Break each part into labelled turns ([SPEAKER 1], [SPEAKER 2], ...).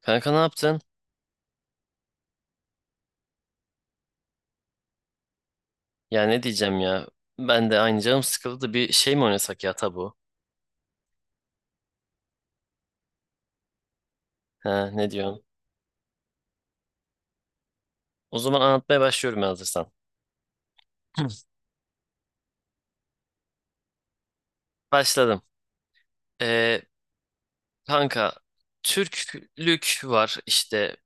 [SPEAKER 1] Kanka ne yaptın? Ya ne diyeceğim ya? Ben de aynı canım sıkıldı da bir şey mi oynasak ya tabu? Ha ne diyorsun? O zaman anlatmaya başlıyorum ya hazırsan. Başladım. Ee, kanka Türklük var işte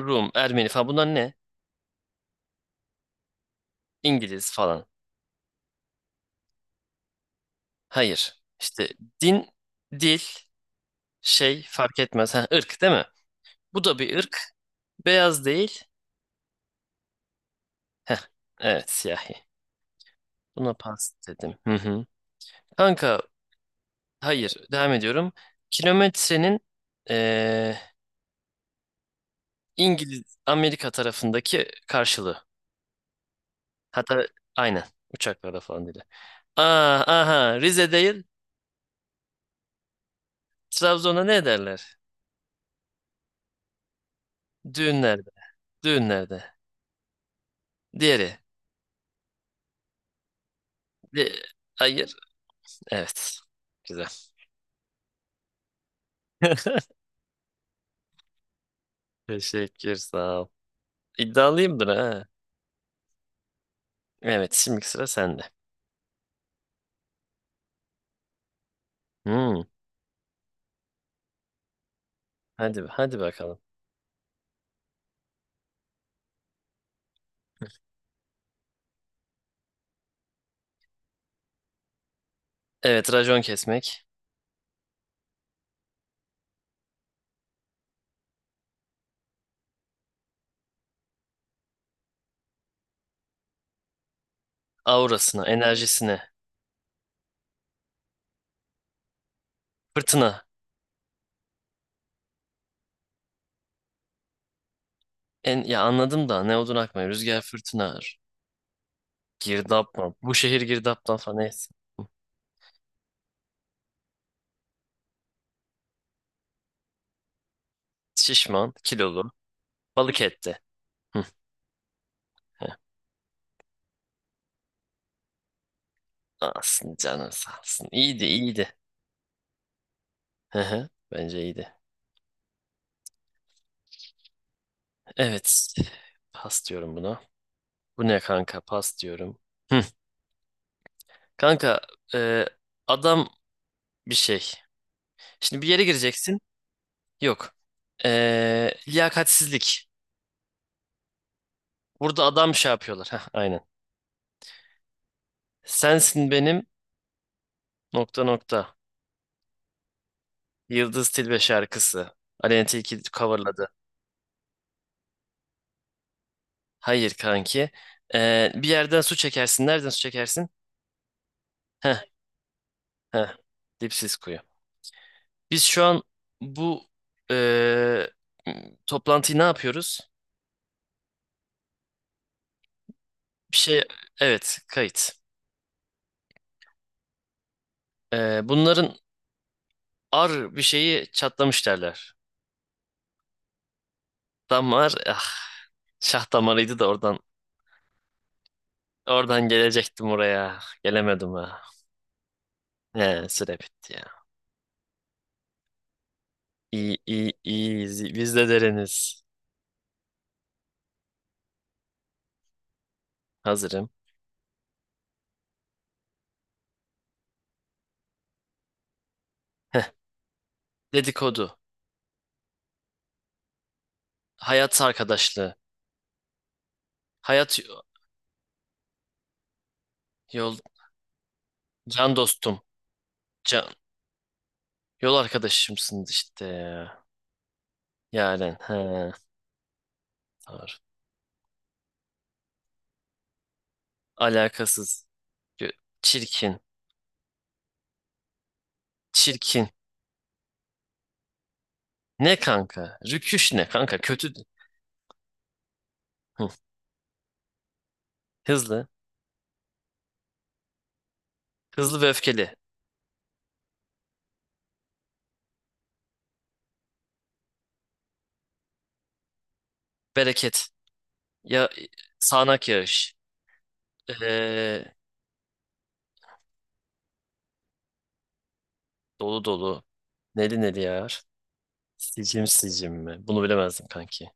[SPEAKER 1] Rum, Ermeni falan bunlar ne? İngiliz falan. Hayır. İşte din, dil, şey fark etmez. Ha, ırk değil mi? Bu da bir ırk. Beyaz değil. Heh, evet siyahi. Buna pas dedim. Hı hı. Kanka Hayır, devam ediyorum. Kilometrenin eee, İngiliz, Amerika tarafındaki karşılığı. Hatta aynen uçaklarda falan dedi. Aa, aha Rize değil, Trabzon'a ne derler? Düğünlerde, düğünlerde. Diğeri. Di- Hayır, evet. Güzel. Teşekkür, sağ ol. İddialıyımdır ha. Evet, şimdiki sıra sende. Hmm, hadi, hadi bakalım. Evet, racon kesmek. Aurasına, enerjisine, fırtına, En, ya anladım da ne odun akmıyor. Rüzgar fırtına ağır. Girdap mı? Bu şehir girdaptan falan neyse. Hı. Şişman, kilolu, balık etli. Hı, hı. Sağ olsun canın sağ olsun. İyiydi iyiydi. Hı hı. Bence iyiydi. Evet. Pas diyorum buna. Bu ne kanka? Pas diyorum. Hı. Kanka e, adam bir şey. Şimdi bir yere gireceksin. Yok. E, liyakatsizlik. Burada adam şey yapıyorlar. Heh, aynen. Sensin benim nokta nokta. Yıldız Tilbe şarkısı. Aleyna Tilki coverladı. Hayır kanki. Bir yerden su çekersin. Nereden su çekersin? Heh, heh. Dipsiz kuyu. Biz şu an bu ee, toplantıyı ne yapıyoruz? Bir şey, evet, kayıt. Bunların ar bir şeyi çatlamış derler. Damar, ah, şah damarıydı da oradan gelecektim oraya. Gelemedim ha. He, süre bitti ya. İyi, iyi, iyi. Biz de deriniz. Hazırım. Dedikodu. Hayat arkadaşlığı. Hayat yo- yol can dostum. Can yol arkadaşımsınız işte ya. Yaren. He. Doğru. Alakasız. Gö- Çirkin. Çirkin. Ne kanka? Rüküş ne kanka? Kötü. Hı. Hızlı. Hızlı ve öfkeli. Bereket. Ya sağanak yağış. Ee, dolu dolu. Neli neli yağar. Sicim sicim mi? Bunu bilemezdim kanki.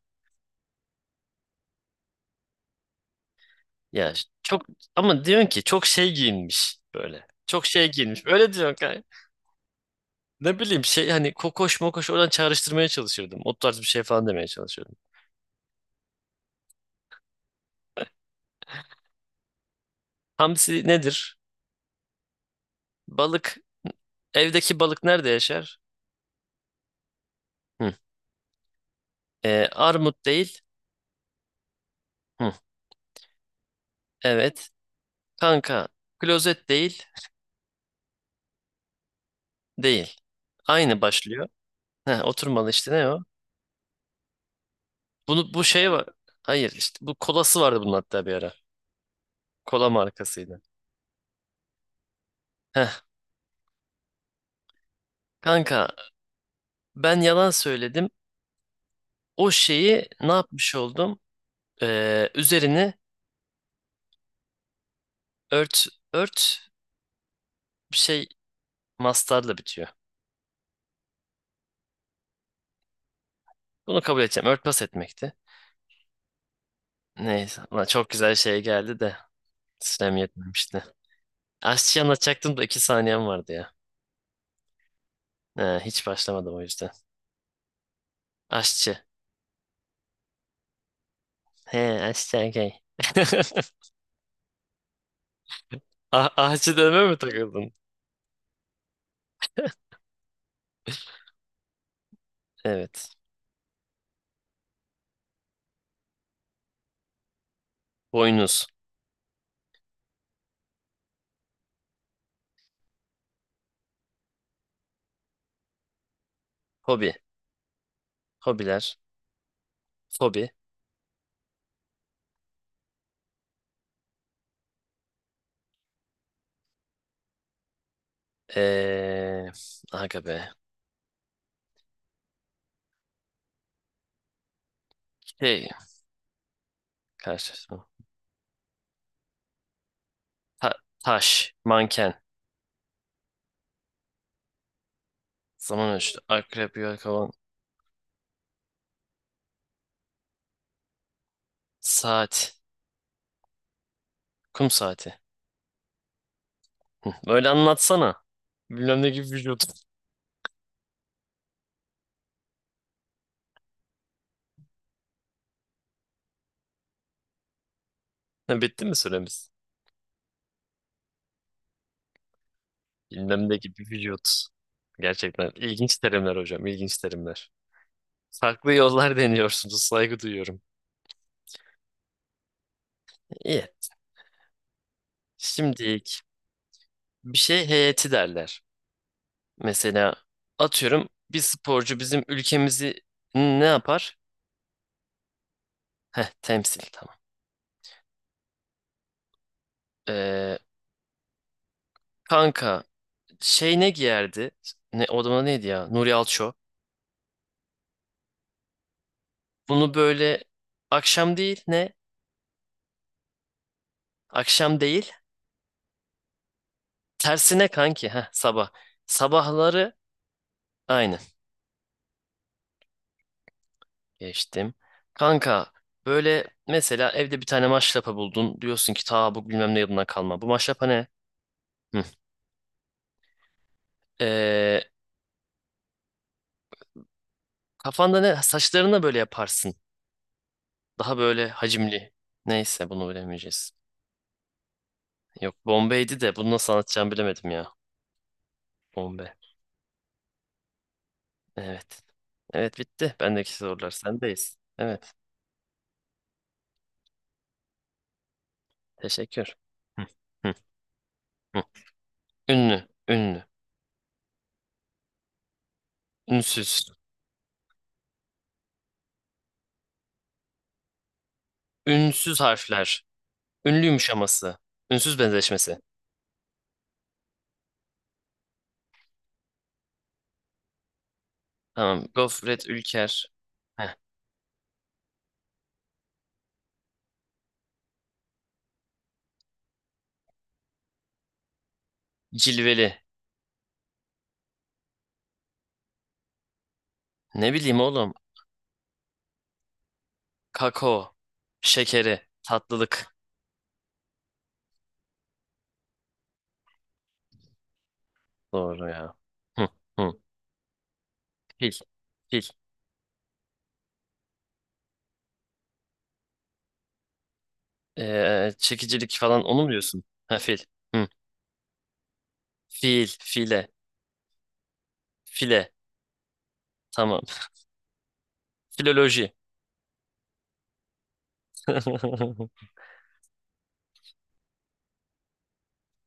[SPEAKER 1] Ya çok ama diyorsun ki çok şey giyinmiş böyle. Çok şey giyinmiş. Öyle diyorsun kanka. Ne bileyim şey hani kokoş mokoş oradan çağrıştırmaya çalışırdım. O tarz bir şey falan demeye çalışıyordum. Hamsi nedir? Balık. Evdeki balık nerede yaşar? Hı. Armut değil. Hı. Evet. Kanka. Klozet değil. Değil. Aynı başlıyor. Heh, oturmalı işte ne o? Bunu bu şey var. Hayır işte bu kolası vardı bunun hatta bir ara. Kola markasıydı. Heh. Kanka ben yalan söyledim. O şeyi ne yapmış oldum? Üzerini ört ört bir şey mastarla bitiyor. Bunu kabul edeceğim. Örtbas etmekti. Neyse. Ulan çok güzel şey geldi de sürem yetmemişti. Aşçıyı anlatacaktım da iki saniyem vardı ya. He, hiç başlamadım o yüzden. Aşçı. He aşçı okey. Ah, ahçı deme mi takıldın? Evet. Boynuz. Hobi. Hobiler. Fobi. Ee, aga be. Şey. Karşılaşma. Ta- taş. Manken. Zaman ölçütü. Akrep, yelkovan, saat. Kum saati. Hı, böyle anlatsana. Bilmem ne gibi vücut. Ha, bitti mi süremiz? Bilmem ne gibi vücut. Gerçekten ilginç terimler hocam, ilginç terimler. Farklı yollar deniyorsunuz, saygı duyuyorum. İyi. Şimdi bir şey heyeti derler. Mesela atıyorum bir sporcu bizim ülkemizi ne yapar? Heh, temsil tamam. Ee, kanka şey ne giyerdi? Ne, o zaman neydi ya? Nuri Alço. Bunu böyle akşam değil ne? Akşam değil. Tersine kanki. Heh, sabah. Sabahları aynı. Geçtim. Kanka böyle mesela evde bir tane maşrapa buldun. Diyorsun ki ta bu bilmem ne yılından kalma. Bu maşrapa ne? Hı. Ee, kafanda ne? Saçlarına böyle yaparsın. Daha böyle hacimli. Neyse bunu bilemeyeceğiz. Yok Bombay'di de bunu nasıl anlatacağımı bilemedim ya. Bombay. Evet. Evet bitti. Bendeki sorular sendeyiz. Evet. Teşekkür. Hı, hı. Ünlü, ünlü, ünsüz, ünsüz harfler, ünlü yumuşaması, ünsüz benzeşmesi. Tamam, gofret, ülker, heh. Cilveli, ne bileyim oğlum, kakao, şekeri, tatlılık. Doğru ya. Hı, hı. Fil, fil, çekicilik falan onu mu diyorsun? Ha, fil, hı. Fil, file, file, tamam. Filoloji.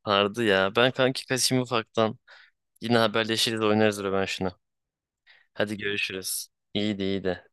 [SPEAKER 1] Vardı ya, ben kanki kaçayım ufaktan. Yine haberleşiriz oynarız ben şunu. Hadi görüşürüz. İyiydi iyiydi.